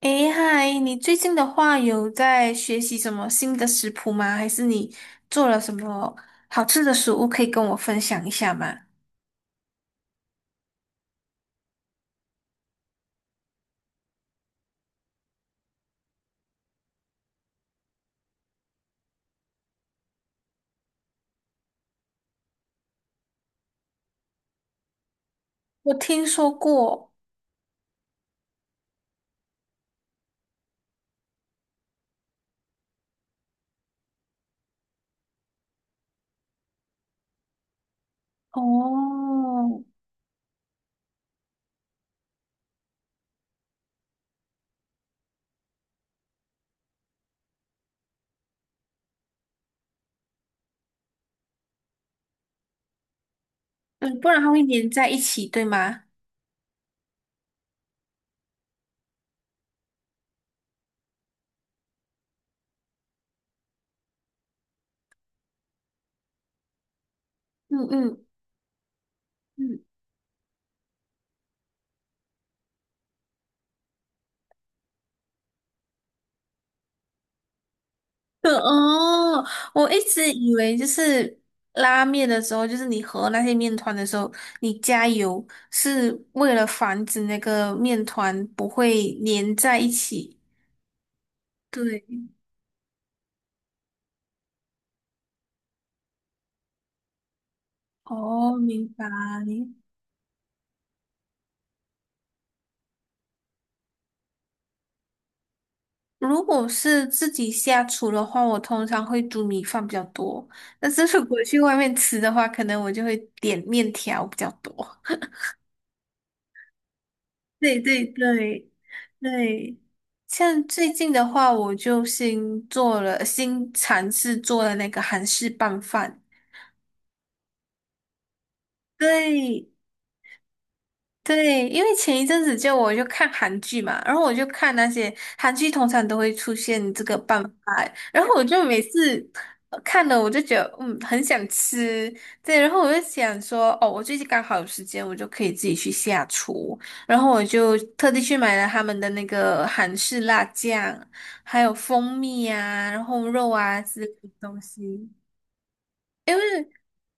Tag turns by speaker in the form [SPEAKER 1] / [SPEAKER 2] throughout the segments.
[SPEAKER 1] 诶，嗨，你最近的话有在学习什么新的食谱吗？还是你做了什么好吃的食物可以跟我分享一下吗？我听说过。哦，嗯，不然它会粘在一起，对吗？嗯嗯嗯，对哦，我一直以为就是拉面的时候，就是你和那些面团的时候，你加油是为了防止那个面团不会粘在一起。对。哦，明白。如果是自己下厨的话，我通常会煮米饭比较多。但是如果去外面吃的话，可能我就会点面条比较多。对对对对，像最近的话，我就新尝试做了那个韩式拌饭。对，对，因为前一阵子就我就看韩剧嘛，然后我就看那些韩剧，通常都会出现这个拌饭，然后我就每次看了，我就觉得很想吃。对，然后我就想说哦，我最近刚好有时间，我就可以自己去下厨，然后我就特地去买了他们的那个韩式辣酱，还有蜂蜜啊，然后肉啊之类的东西。因为。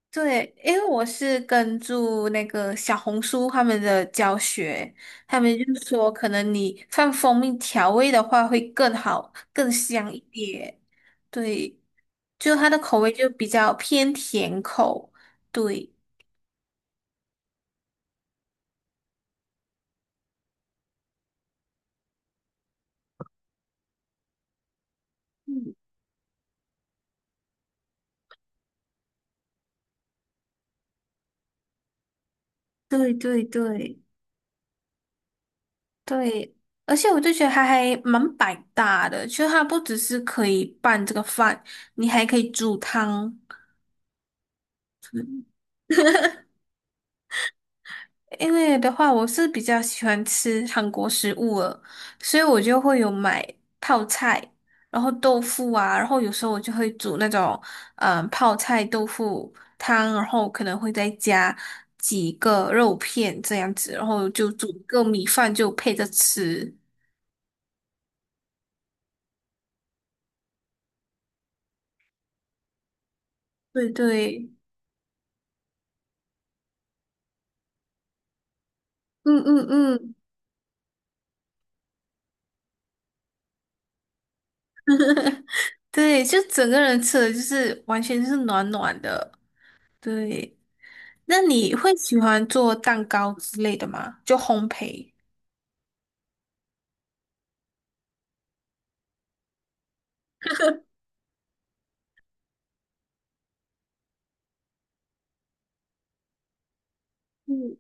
[SPEAKER 1] 对，因为我是跟住那个小红书他们的教学，他们就说可能你放蜂蜜调味的话会更好、更香一点。对，就它的口味就比较偏甜口。对，嗯，对对对对，而且我就觉得它还蛮百搭的，就它不只是可以拌这个饭，你还可以煮汤。因为的话，我是比较喜欢吃韩国食物了，所以我就会有买泡菜，然后豆腐啊，然后有时候我就会煮那种泡菜豆腐汤，然后可能会再加几个肉片这样子，然后就煮一个米饭就配着吃。对对，嗯嗯嗯，对，就整个人吃的就是完全就是暖暖的。对，那你会喜欢做蛋糕之类的吗？就烘焙。嗯。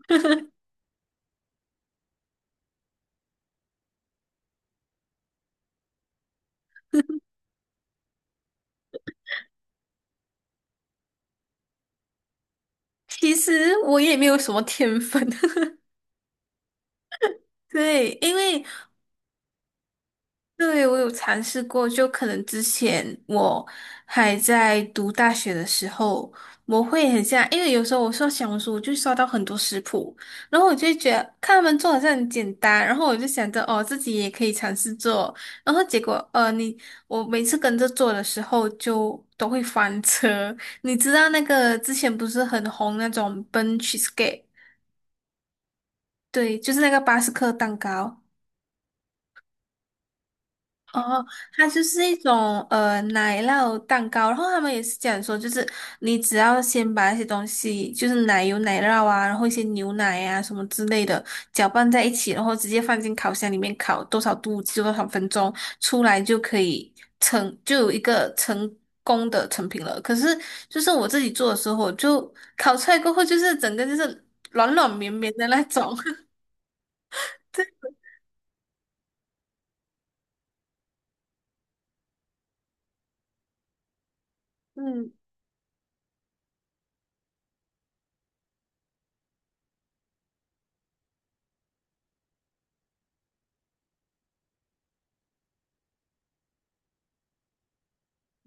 [SPEAKER 1] 其实我也没有什么天分，对，因为，对，我有尝试过，就可能之前我还在读大学的时候，我会很像，因为有时候我刷小红书，我就刷到很多食谱，然后我就觉得看他们做好像很简单，然后我就想着哦，自己也可以尝试做，然后结果我每次跟着做的时候就都会翻车。你知道那个之前不是很红那种 Ben Cheesecake。对，就是那个巴斯克蛋糕。哦，它就是一种奶酪蛋糕，然后他们也是这样说，就是你只要先把那些东西，就是奶油、奶酪啊，然后一些牛奶啊什么之类的搅拌在一起，然后直接放进烤箱里面烤多少度就多少分钟，出来就可以就有一个成功的成品了。可是就是我自己做的时候，就烤出来过后，就是整个就是软软绵绵的那种。对，嗯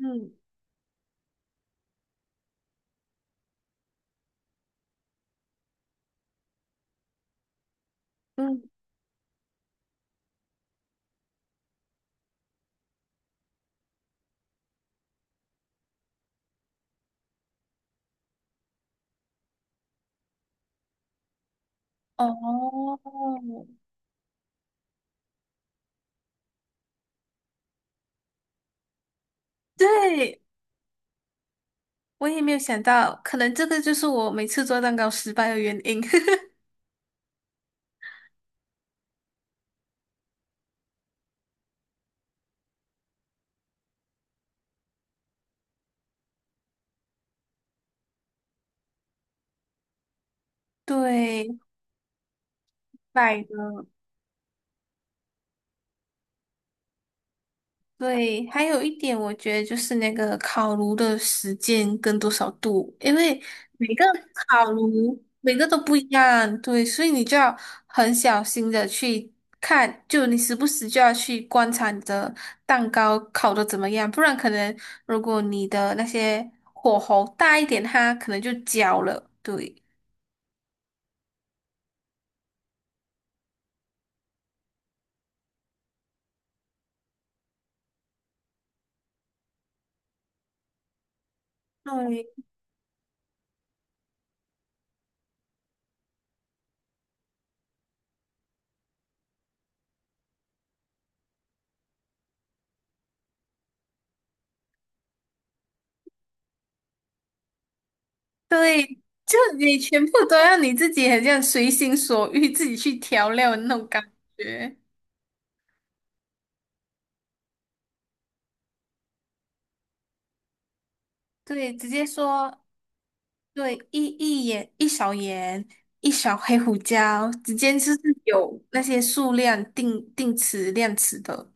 [SPEAKER 1] 嗯嗯。哦，对，我也没有想到，可能这个就是我每次做蛋糕失败的原因。对，买的。对，还有一点，我觉得就是那个烤炉的时间跟多少度，因为每个烤炉每个都不一样，对，所以你就要很小心的去看，就你时不时就要去观察你的蛋糕烤的怎么样，不然可能如果你的那些火候大一点，它可能就焦了。对，对，对，就你全部都要你自己很像随心所欲自己去调料的那种感觉。对，直接说，对，一勺盐，一勺黑胡椒，直接就是有那些数量定词量词的。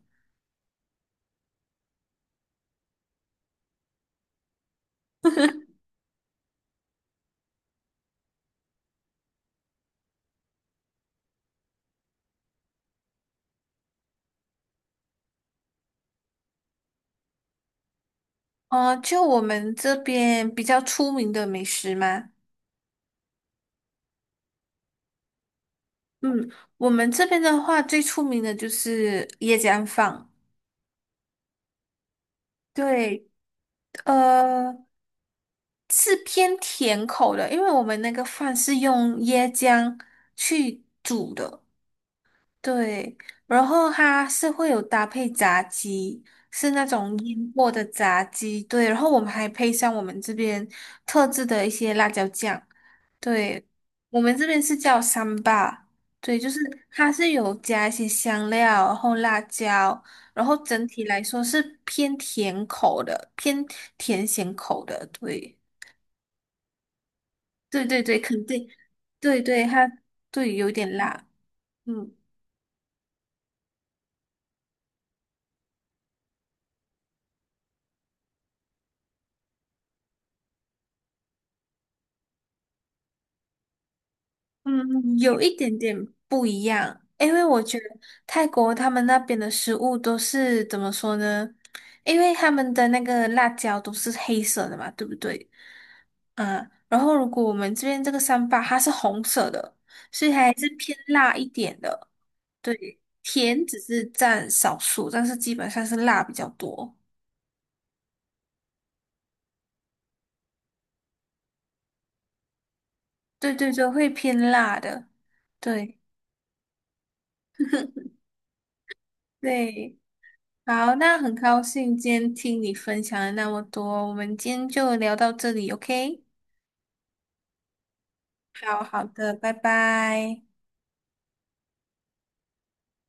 [SPEAKER 1] 就我们这边比较出名的美食吗？嗯，我们这边的话，最出名的就是椰浆饭。对，呃，是偏甜口的，因为我们那个饭是用椰浆去煮的。对，然后它是会有搭配炸鸡，是那种腌过的炸鸡，对，然后我们还配上我们这边特制的一些辣椒酱，对，我们这边是叫三巴，对，就是它是有加一些香料，然后辣椒，然后整体来说是偏甜口的，偏甜咸口的，对，对对对，肯定，对对，它对有点辣，嗯。嗯，有一点点不一样，因为我觉得泰国他们那边的食物都是怎么说呢？因为他们的那个辣椒都是黑色的嘛，对不对？嗯，然后如果我们这边这个三八它是红色的，所以还是偏辣一点的。对，甜只是占少数，但是基本上是辣比较多。对对对，会偏辣的。对对，好，那很高兴今天听你分享了那么多，我们今天就聊到这里，OK？好好的，拜拜。